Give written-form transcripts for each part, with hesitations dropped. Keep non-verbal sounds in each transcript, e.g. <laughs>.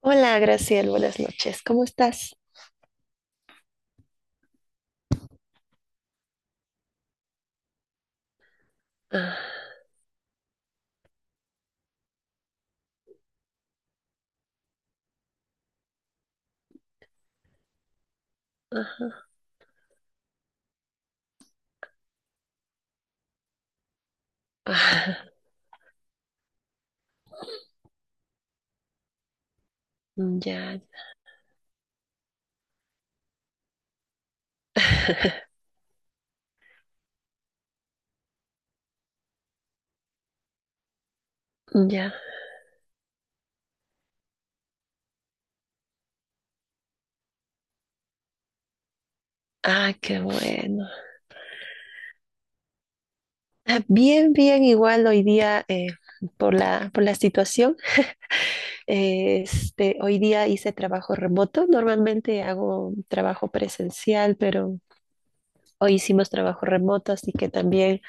Hola, Graciel, buenas noches. ¿Cómo estás? Ah, ah, ya, <laughs> ya. Ah, qué bueno. Ah, bien, bien, igual hoy día, por la situación, hoy día hice trabajo remoto. Normalmente hago trabajo presencial, pero hoy hicimos trabajo remoto, así que también,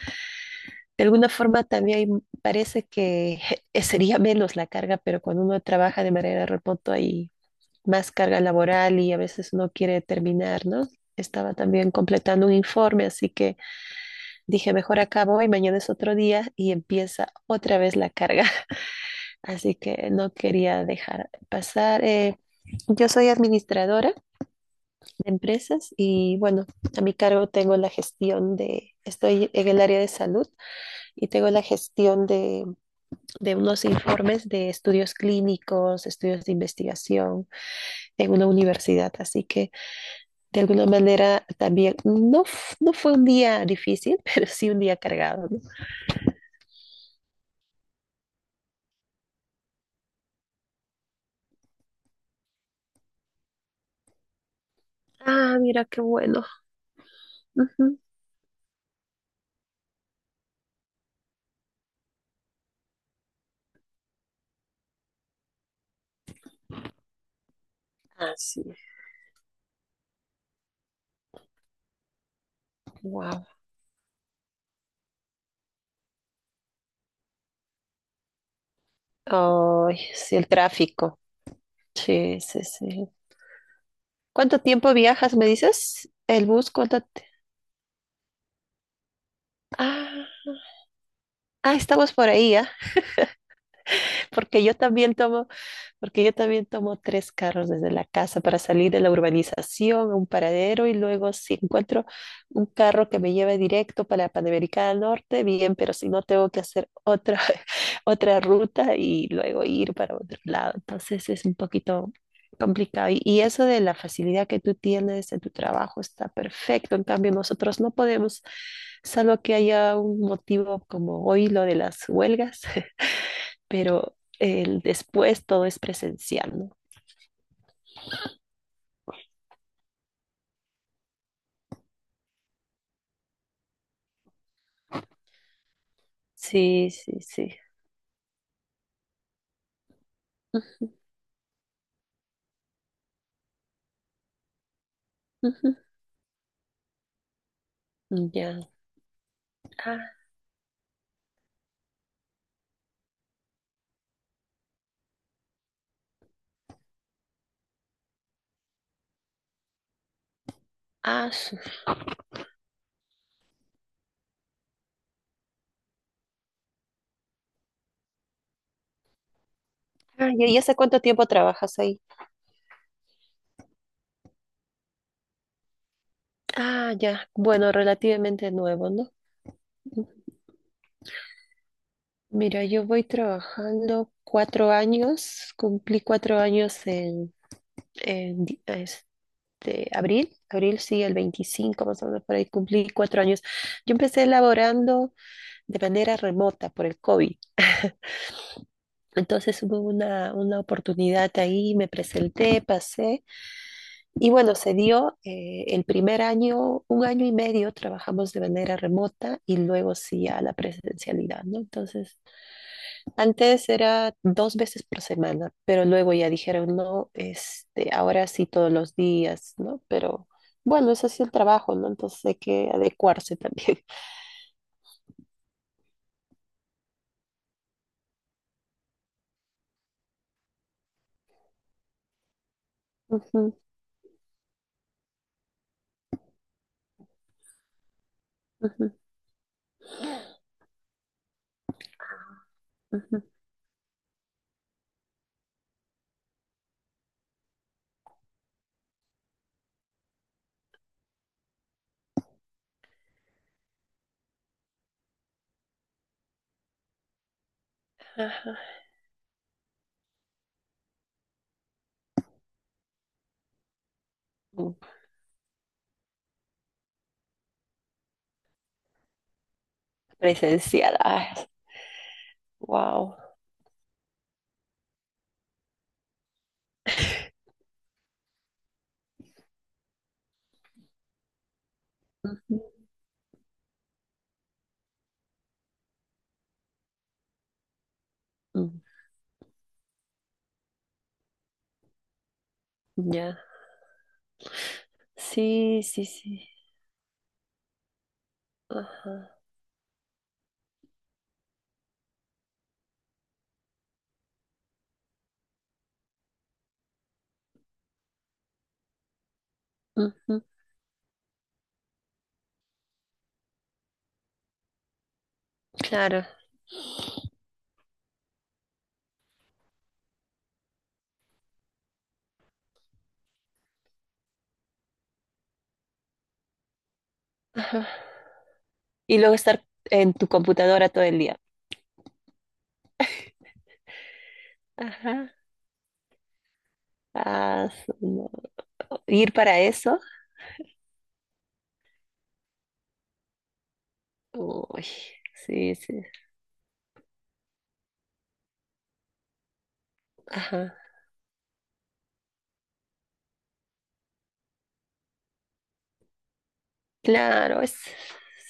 de alguna forma, también parece que <laughs> sería menos la carga, pero cuando uno trabaja de manera remota más carga laboral y a veces no quiere terminar, ¿no? Estaba también completando un informe, así que dije, mejor acabo y mañana es otro día y empieza otra vez la carga. <laughs> Así que no quería dejar pasar. Yo soy administradora de empresas y bueno, a mi cargo tengo la gestión de, estoy en el área de salud y tengo la gestión de unos informes de estudios clínicos, estudios de investigación en una universidad. Así que de alguna manera también, no, no fue un día difícil, <laughs> pero sí un día cargado, ¿no? Ah, mira qué bueno. Ujú. Así es. Wow. Ay, sí, el tráfico. Sí, sí, sí. ¿Cuánto tiempo viajas, me dices? ¿El bus? ¿Cuánto? Ah, ah, estamos por ahí, ¿ah? <laughs> Porque yo también tomo Porque yo también tomo tres carros desde la casa para salir de la urbanización a un paradero y luego si encuentro un carro que me lleve directo para la Panamericana Norte, bien, pero si no tengo que hacer otra, <laughs> otra ruta y luego ir para otro lado. Entonces es un poquito complicado. Y eso de la facilidad que tú tienes en tu trabajo está perfecto. En cambio, nosotros no podemos, salvo que haya un motivo como hoy lo de las huelgas, <laughs> pero el después todo es presencial, ¿no? Sí, sí, sí. Ujú. Ya. Ah, ah, Ah, ¿y hace cuánto tiempo trabajas ahí? Ah, ya. Bueno, relativamente nuevo, ¿no? Mira, yo voy trabajando cuatro años, cumplí cuatro años en, en di- este, abril, abril sí, el 25 más o menos por ahí, cumplí cuatro años. Yo empecé laborando de manera remota por el COVID. Entonces hubo una oportunidad ahí, me presenté, pasé y bueno, se dio el primer año, un año y medio trabajamos de manera remota y luego sí a la presencialidad, ¿no? Entonces, antes era dos veces por semana, pero luego ya dijeron, no, este, ahora sí todos los días, ¿no? Pero bueno, es así el trabajo, ¿no? Entonces hay que adecuarse también. <laughs> Ujú, ujú, ujú. Ajá. Presencial, wow. Ya. Sí, sí, sí. Ajá. Ujú. Claro. Ajá. Y luego estar en tu computadora todo el día. Ajá. Ah, no. Ir para eso. Uy, sí, sí. Ajá. Claro, es,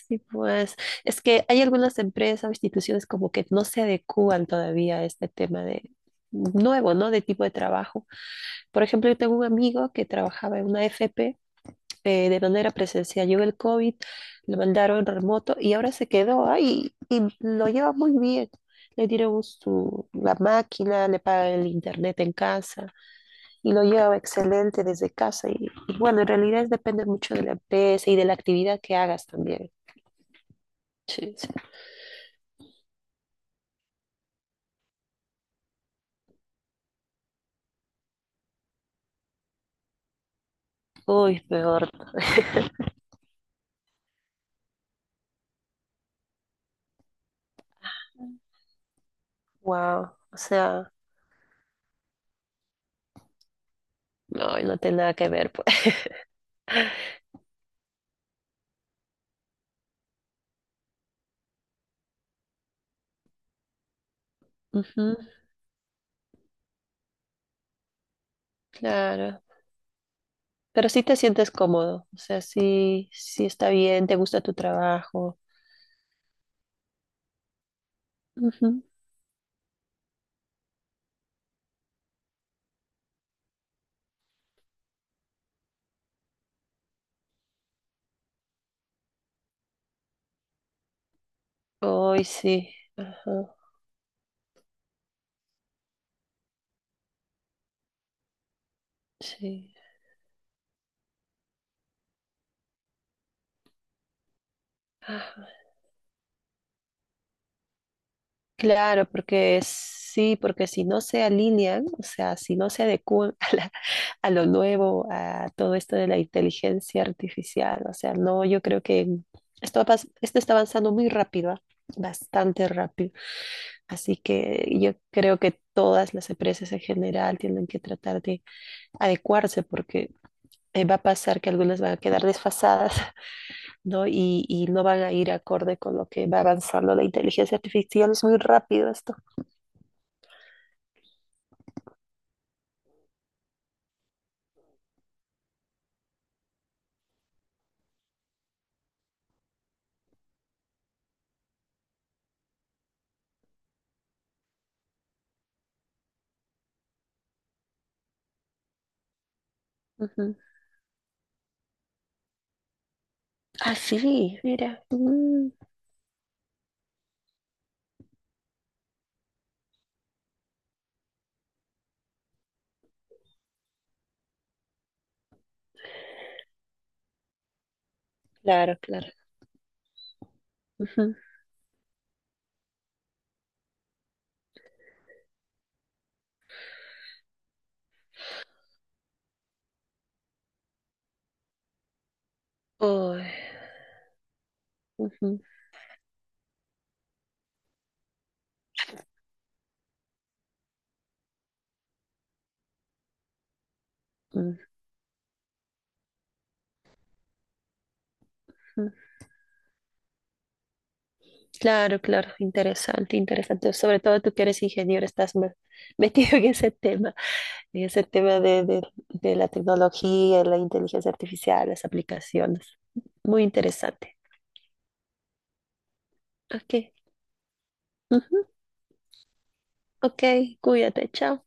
sí, pues. Es que hay algunas empresas o instituciones como que no se adecúan todavía a este tema de nuevo, ¿no? De tipo de trabajo. Por ejemplo, yo tengo un amigo que trabajaba en una FP de manera presencial. Llegó el COVID, lo mandaron remoto y ahora se quedó ahí y lo lleva muy bien. Le dieron su, la máquina, le pagan el internet en casa y lo lleva excelente desde casa. Y bueno, en realidad depende mucho de la empresa y de la actividad que hagas también. Sí, sí. Uy, peor. Wow. O sea, no, no tiene nada que ver, pues. <laughs> Ujú, claro. Pero sí te sientes cómodo. O sea, sí, sí está bien, te gusta tu trabajo. Ujú. Hoy sí, ajá, sí. Ajá. Claro, porque sí, porque si no se alinean, o sea, si no se adecúan <laughs> a lo nuevo, a todo esto de la inteligencia artificial, o sea, no, yo creo que esto, esto está avanzando muy rápido, ¿ah? Bastante rápido, así que yo creo que todas las empresas en general tienen que tratar de adecuarse porque va a pasar que algunas van a quedar desfasadas, ¿no? Y no van a ir acorde con lo que va avanzando la inteligencia artificial. Es muy rápido esto. Ujú. Ah, sí, mira. Mm, claro, claro. Ujú. Uy, ujú, ujú. Claro, claro, interesante, interesante. Sobre todo tú que eres ingeniero, estás <laughs> metido en ese tema de la tecnología, la inteligencia artificial, las aplicaciones. Muy interesante. Ok, ujú, ok, cuídate, chao.